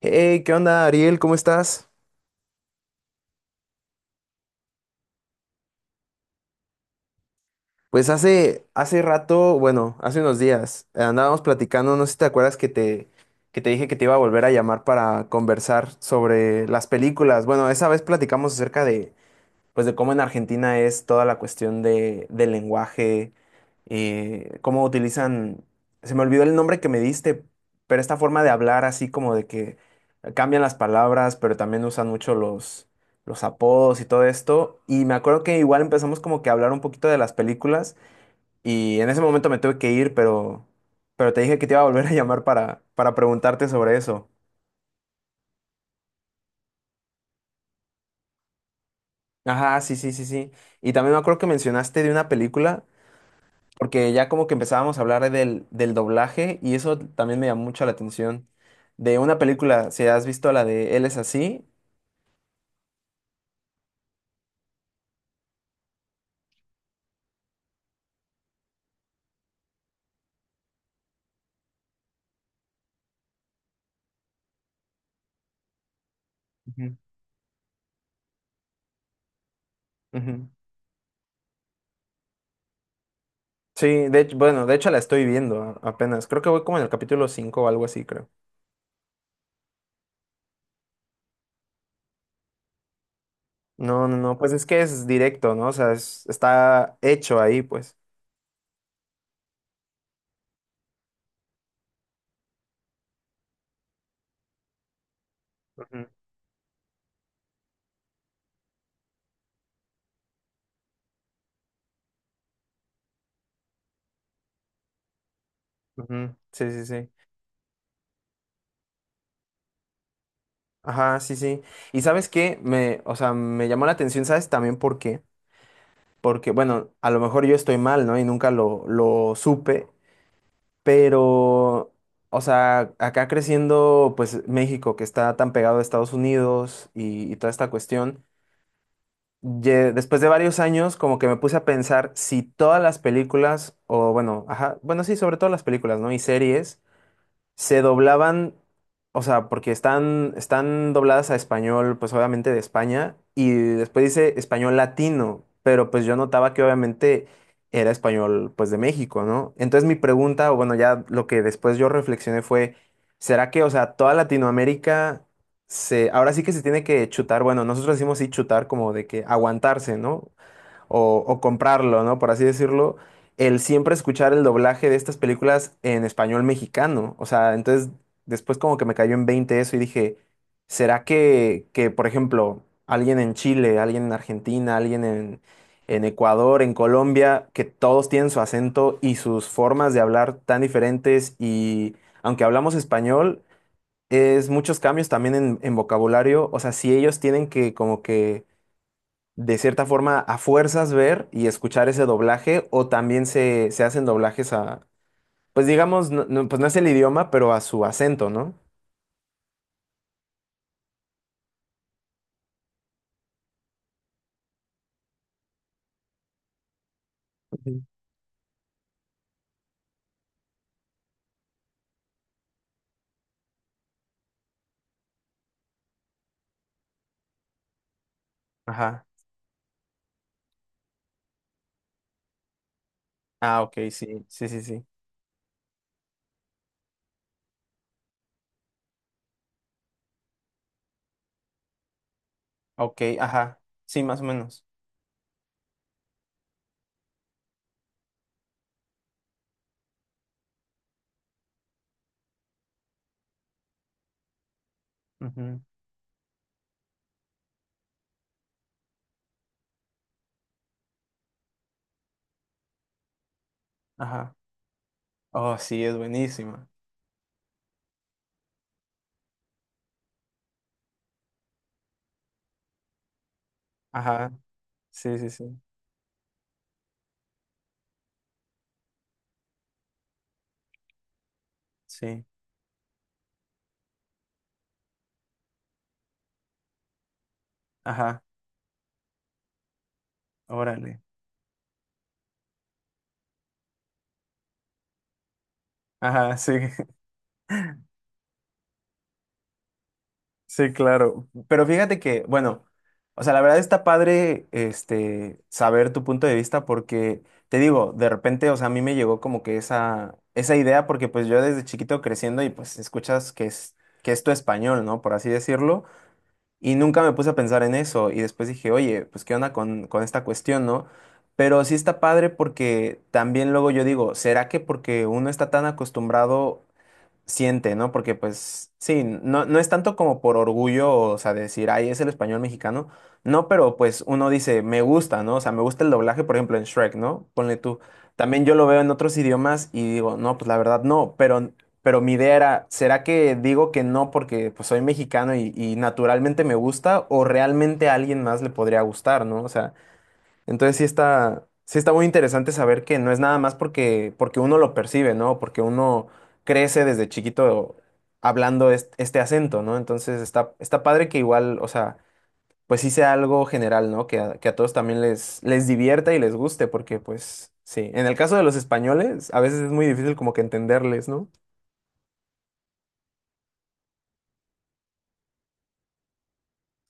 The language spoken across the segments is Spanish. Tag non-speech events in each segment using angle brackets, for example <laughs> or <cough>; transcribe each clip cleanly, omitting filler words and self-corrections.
Hey, ¿qué onda, Ariel? ¿Cómo estás? Pues hace rato, bueno, hace unos días, andábamos platicando, no sé si te acuerdas que te dije que te iba a volver a llamar para conversar sobre las películas. Bueno, esa vez platicamos pues de cómo en Argentina es toda la cuestión del lenguaje, cómo utilizan, se me olvidó el nombre que me diste, pero esta forma de hablar así como de que cambian las palabras, pero también usan mucho los apodos y todo esto. Y me acuerdo que igual empezamos como que a hablar un poquito de las películas y en ese momento me tuve que ir, pero te dije que te iba a volver a llamar para preguntarte sobre eso. Ajá, sí, sí, sí, sí. Y también me acuerdo que mencionaste de una película. Porque ya como que empezábamos a hablar del doblaje y eso también me llamó mucho la atención. De una película, si has visto la de Él es así. Ujú, ujú. Sí, de hecho, bueno, de hecho la estoy viendo apenas. Creo que voy como en el capítulo 5 o algo así, creo. No, no, no, pues es que es directo, ¿no? O sea, está hecho ahí, pues. Ujú, ujú. Sí, sí, sí. Ajá, sí, sí. Y sabes qué, o sea, me llamó la atención, ¿sabes? También porque porque, bueno, a lo mejor yo estoy mal, ¿no? Y nunca lo supe, pero, o sea, acá creciendo, pues México, que está tan pegado a Estados Unidos y toda esta cuestión, después de varios años, como que me puse a pensar si todas las películas, o bueno, ajá, bueno, sí, sobre todo las películas, ¿no? Y series se doblaban, o sea, porque están dobladas a español, pues obviamente de España, y después dice español latino, pero pues yo notaba que obviamente era español, pues de México, ¿no? Entonces mi pregunta, o bueno, ya lo que después yo reflexioné fue, ¿será que, o sea, toda Latinoamérica se, ahora sí que se tiene que chutar, bueno, nosotros decimos sí chutar como de que aguantarse, ¿no? O, o comprarlo, ¿no? Por así decirlo, el siempre escuchar el doblaje de estas películas en español mexicano. O sea, entonces después como que me cayó en 20 eso y dije, ¿será que, por ejemplo, alguien en Chile, alguien en Argentina, en Ecuador, en Colombia, que todos tienen su acento y sus formas de hablar tan diferentes y aunque hablamos español, es muchos cambios también en vocabulario, o sea, si ellos tienen que como que de cierta forma a fuerzas ver y escuchar ese doblaje o también se hacen doblajes a, pues digamos, no, no, pues no es el idioma, pero a su acento, ¿no? Ujú. Ajá. Ah, ok, sí, sí, sí, sí. Ok, ajá. Sí, más o menos. Ujú, ajá. Oh, sí, es buenísima. Ajá. Sí, sí, sí. Sí. Ajá. Órale. Ajá, sí. Sí, claro. Pero fíjate que, bueno, o sea, la verdad está padre este saber tu punto de vista porque te digo, de repente, o sea, a mí me llegó como que esa idea porque pues yo desde chiquito creciendo y pues escuchas que es tu español, ¿no? Por así decirlo, y nunca me puse a pensar en eso y después dije, "Oye, pues qué onda con esta cuestión, ¿no?" Pero sí está padre porque también luego yo digo, ¿será que porque uno está tan acostumbrado siente, ¿no? Porque pues sí, no, no es tanto como por orgullo, o sea, decir, ay, es el español mexicano, no, pero pues uno dice, me gusta, ¿no? O sea, me gusta el doblaje, por ejemplo, en Shrek, ¿no? Ponle tú, también yo lo veo en otros idiomas y digo, no, pues la verdad no, pero mi idea era, ¿será que digo que no porque pues soy mexicano y naturalmente me gusta o realmente a alguien más le podría gustar, ¿no? O sea... Entonces sí está muy interesante saber que no es nada más porque uno lo percibe, ¿no? Porque uno crece desde chiquito hablando este, acento, ¿no? Entonces está, está padre que igual, o sea, pues sí sea algo general, ¿no? Que a todos también les divierta y les guste, porque pues sí, en el caso de los españoles, a veces es muy difícil como que entenderles, ¿no?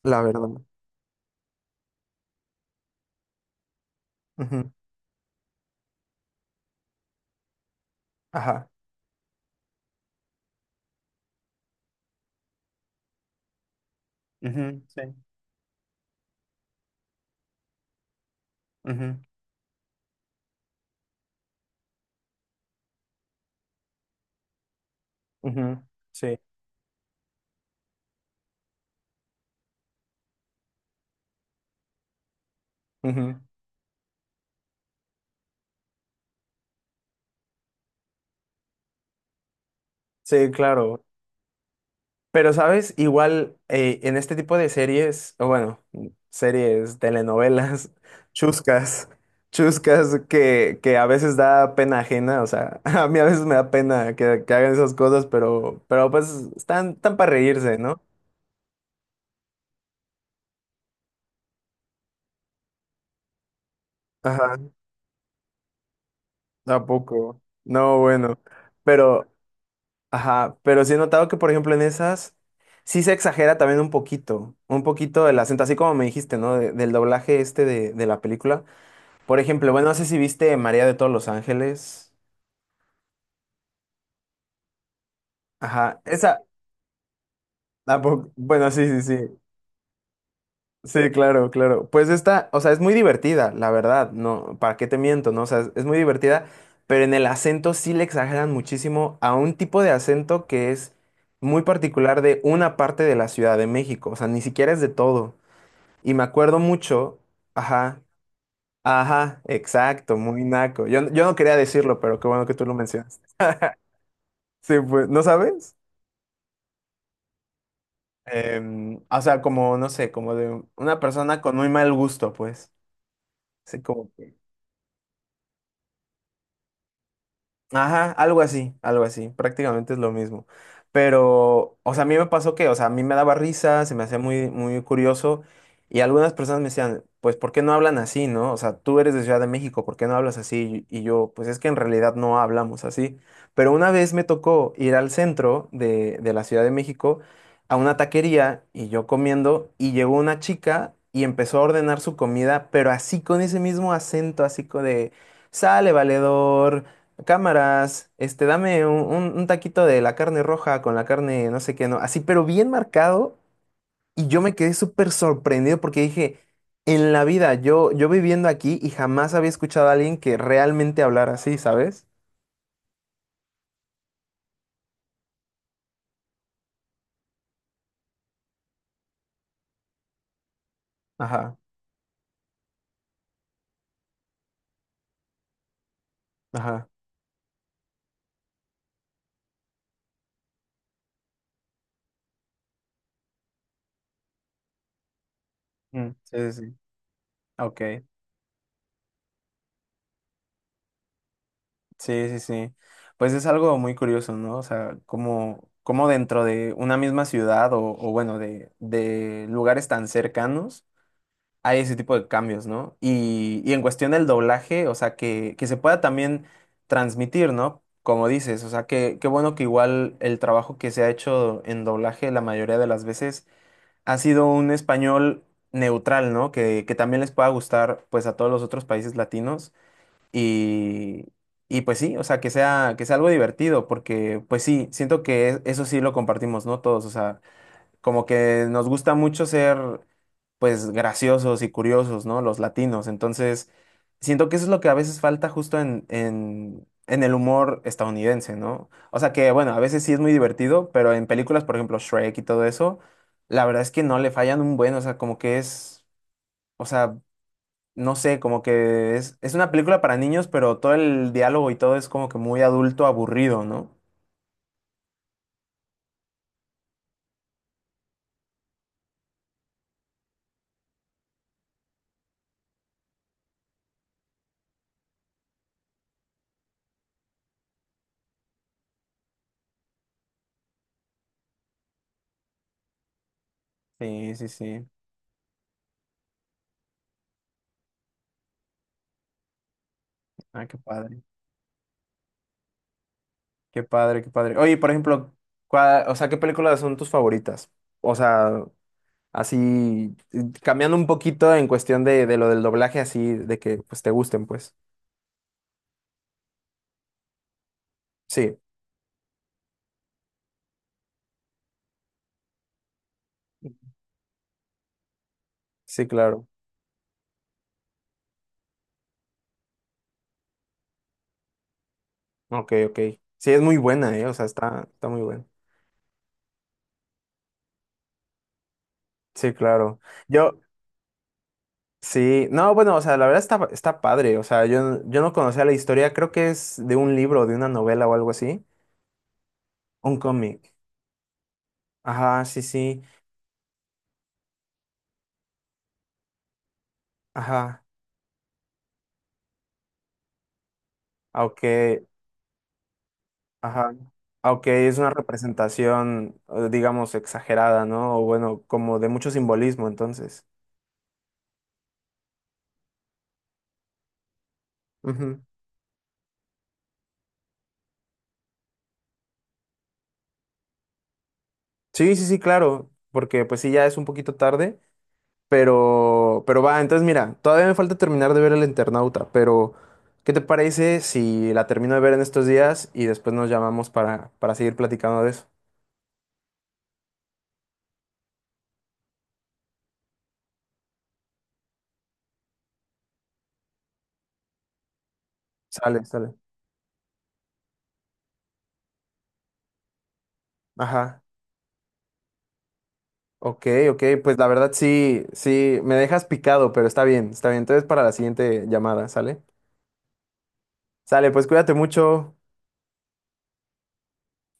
La verdad. Ujú. Ajá. Ujú, sí. Ujú. Ujú. Sí. Ujú. Sí, claro. Pero, ¿sabes? Igual en este tipo de series, o bueno, series, telenovelas, <laughs> chuscas, chuscas que a veces da pena ajena, o sea, <laughs> a mí a veces me da pena que hagan esas cosas, pero pues están, están para reírse, ¿no? Ajá, ¿a poco? No, bueno, pero, ajá, pero sí he notado que, por ejemplo, en esas sí se exagera también un poquito el acento, así como me dijiste, ¿no? Del doblaje este de la película. Por ejemplo, bueno, no sé si viste María de todos los Ángeles. Ajá, esa. Bueno, sí, sí, sí. Sí, claro, claro. Pues esta, o sea, es muy divertida, la verdad. No, ¿para qué te miento? No, o sea, es muy divertida, pero en el acento sí le exageran muchísimo a un tipo de acento que es muy particular de una parte de la Ciudad de México. O sea, ni siquiera es de todo. Y me acuerdo mucho. Ajá, ajá, exacto, muy naco. Yo no quería decirlo, pero qué bueno que tú lo mencionaste. Sí, pues, ¿no sabes? O sea, como, no sé, como de una persona con muy mal gusto, pues. Así como ajá, algo así, prácticamente es lo mismo. Pero, o sea, a mí me pasó que, o sea, a mí me daba risa, se me hacía muy, muy curioso y algunas personas me decían, pues, ¿por qué no hablan así, no? O sea, tú eres de Ciudad de México, ¿por qué no hablas así? Y yo, pues es que en realidad no hablamos así. Pero una vez me tocó ir al centro de la Ciudad de México a una taquería y yo comiendo y llegó una chica y empezó a ordenar su comida, pero así con ese mismo acento, así de, sale valedor. Cámaras, este, dame un taquito de la carne roja con la carne no sé qué, no, así, pero bien marcado. Y yo me quedé súper sorprendido porque dije, en la vida, yo viviendo aquí y jamás había escuchado a alguien que realmente hablara así, ¿sabes? Ajá, ajá. Mm, sí, sí, sí. Ok. Sí, sí, sí. Pues es algo muy curioso, ¿no? O sea, como, como dentro de una misma ciudad o bueno, de lugares tan cercanos. Hay ese tipo de cambios, ¿no? Y en cuestión del doblaje, o sea, que se pueda también transmitir, ¿no? Como dices, o sea, que, qué bueno que igual el trabajo que se ha hecho en doblaje la mayoría de las veces ha sido un español neutral, ¿no? Que también les pueda gustar, pues, a todos los otros países latinos y... Y pues sí, o sea, que sea algo divertido, porque pues sí, siento que eso sí lo compartimos, ¿no? Todos, o sea, como que nos gusta mucho ser, pues, graciosos y curiosos, ¿no? Los latinos. Entonces, siento que eso es lo que a veces falta justo en el humor estadounidense, ¿no? O sea que, bueno, a veces sí es muy divertido, pero en películas, por ejemplo, Shrek y todo eso, la verdad es que no le fallan un buen, o sea, como que es, o sea, no sé, como que es una película para niños, pero todo el diálogo y todo es como que muy adulto, aburrido, ¿no? Sí, sí, sí. Ah, qué padre. Qué padre, qué padre. Oye, por ejemplo, ¿cuál- o sea, ¿qué películas son tus favoritas? O sea, así, cambiando un poquito en cuestión de lo del doblaje, así, de que pues te gusten, pues. Sí, sí, claro. Ok, ok. Sí, es muy buena, ¿eh? O sea, está, está muy buena. Sí, claro. Yo, sí, no, bueno, o sea, la verdad está, está padre. O sea, yo no conocía la historia, creo que es de un libro, de una novela o algo así. Un cómic. Ajá, sí, sí. Ajá. Ah, ok. Ajá. Aunque es una representación, digamos, exagerada, ¿no? O bueno, como de mucho simbolismo, entonces. Ujú. Sí, sí, sí, claro, porque pues sí, ya es un poquito tarde, pero va, entonces mira, todavía me falta terminar de ver El Internauta, pero ¿qué te parece si la termino de ver en estos días y después nos llamamos para seguir platicando de eso? Sale, sale. Ajá. Ok, ok, pues la verdad sí, sí, me dejas picado, pero está bien, está bien. Entonces para la siguiente llamada, ¿sale? Sale, pues cuídate mucho.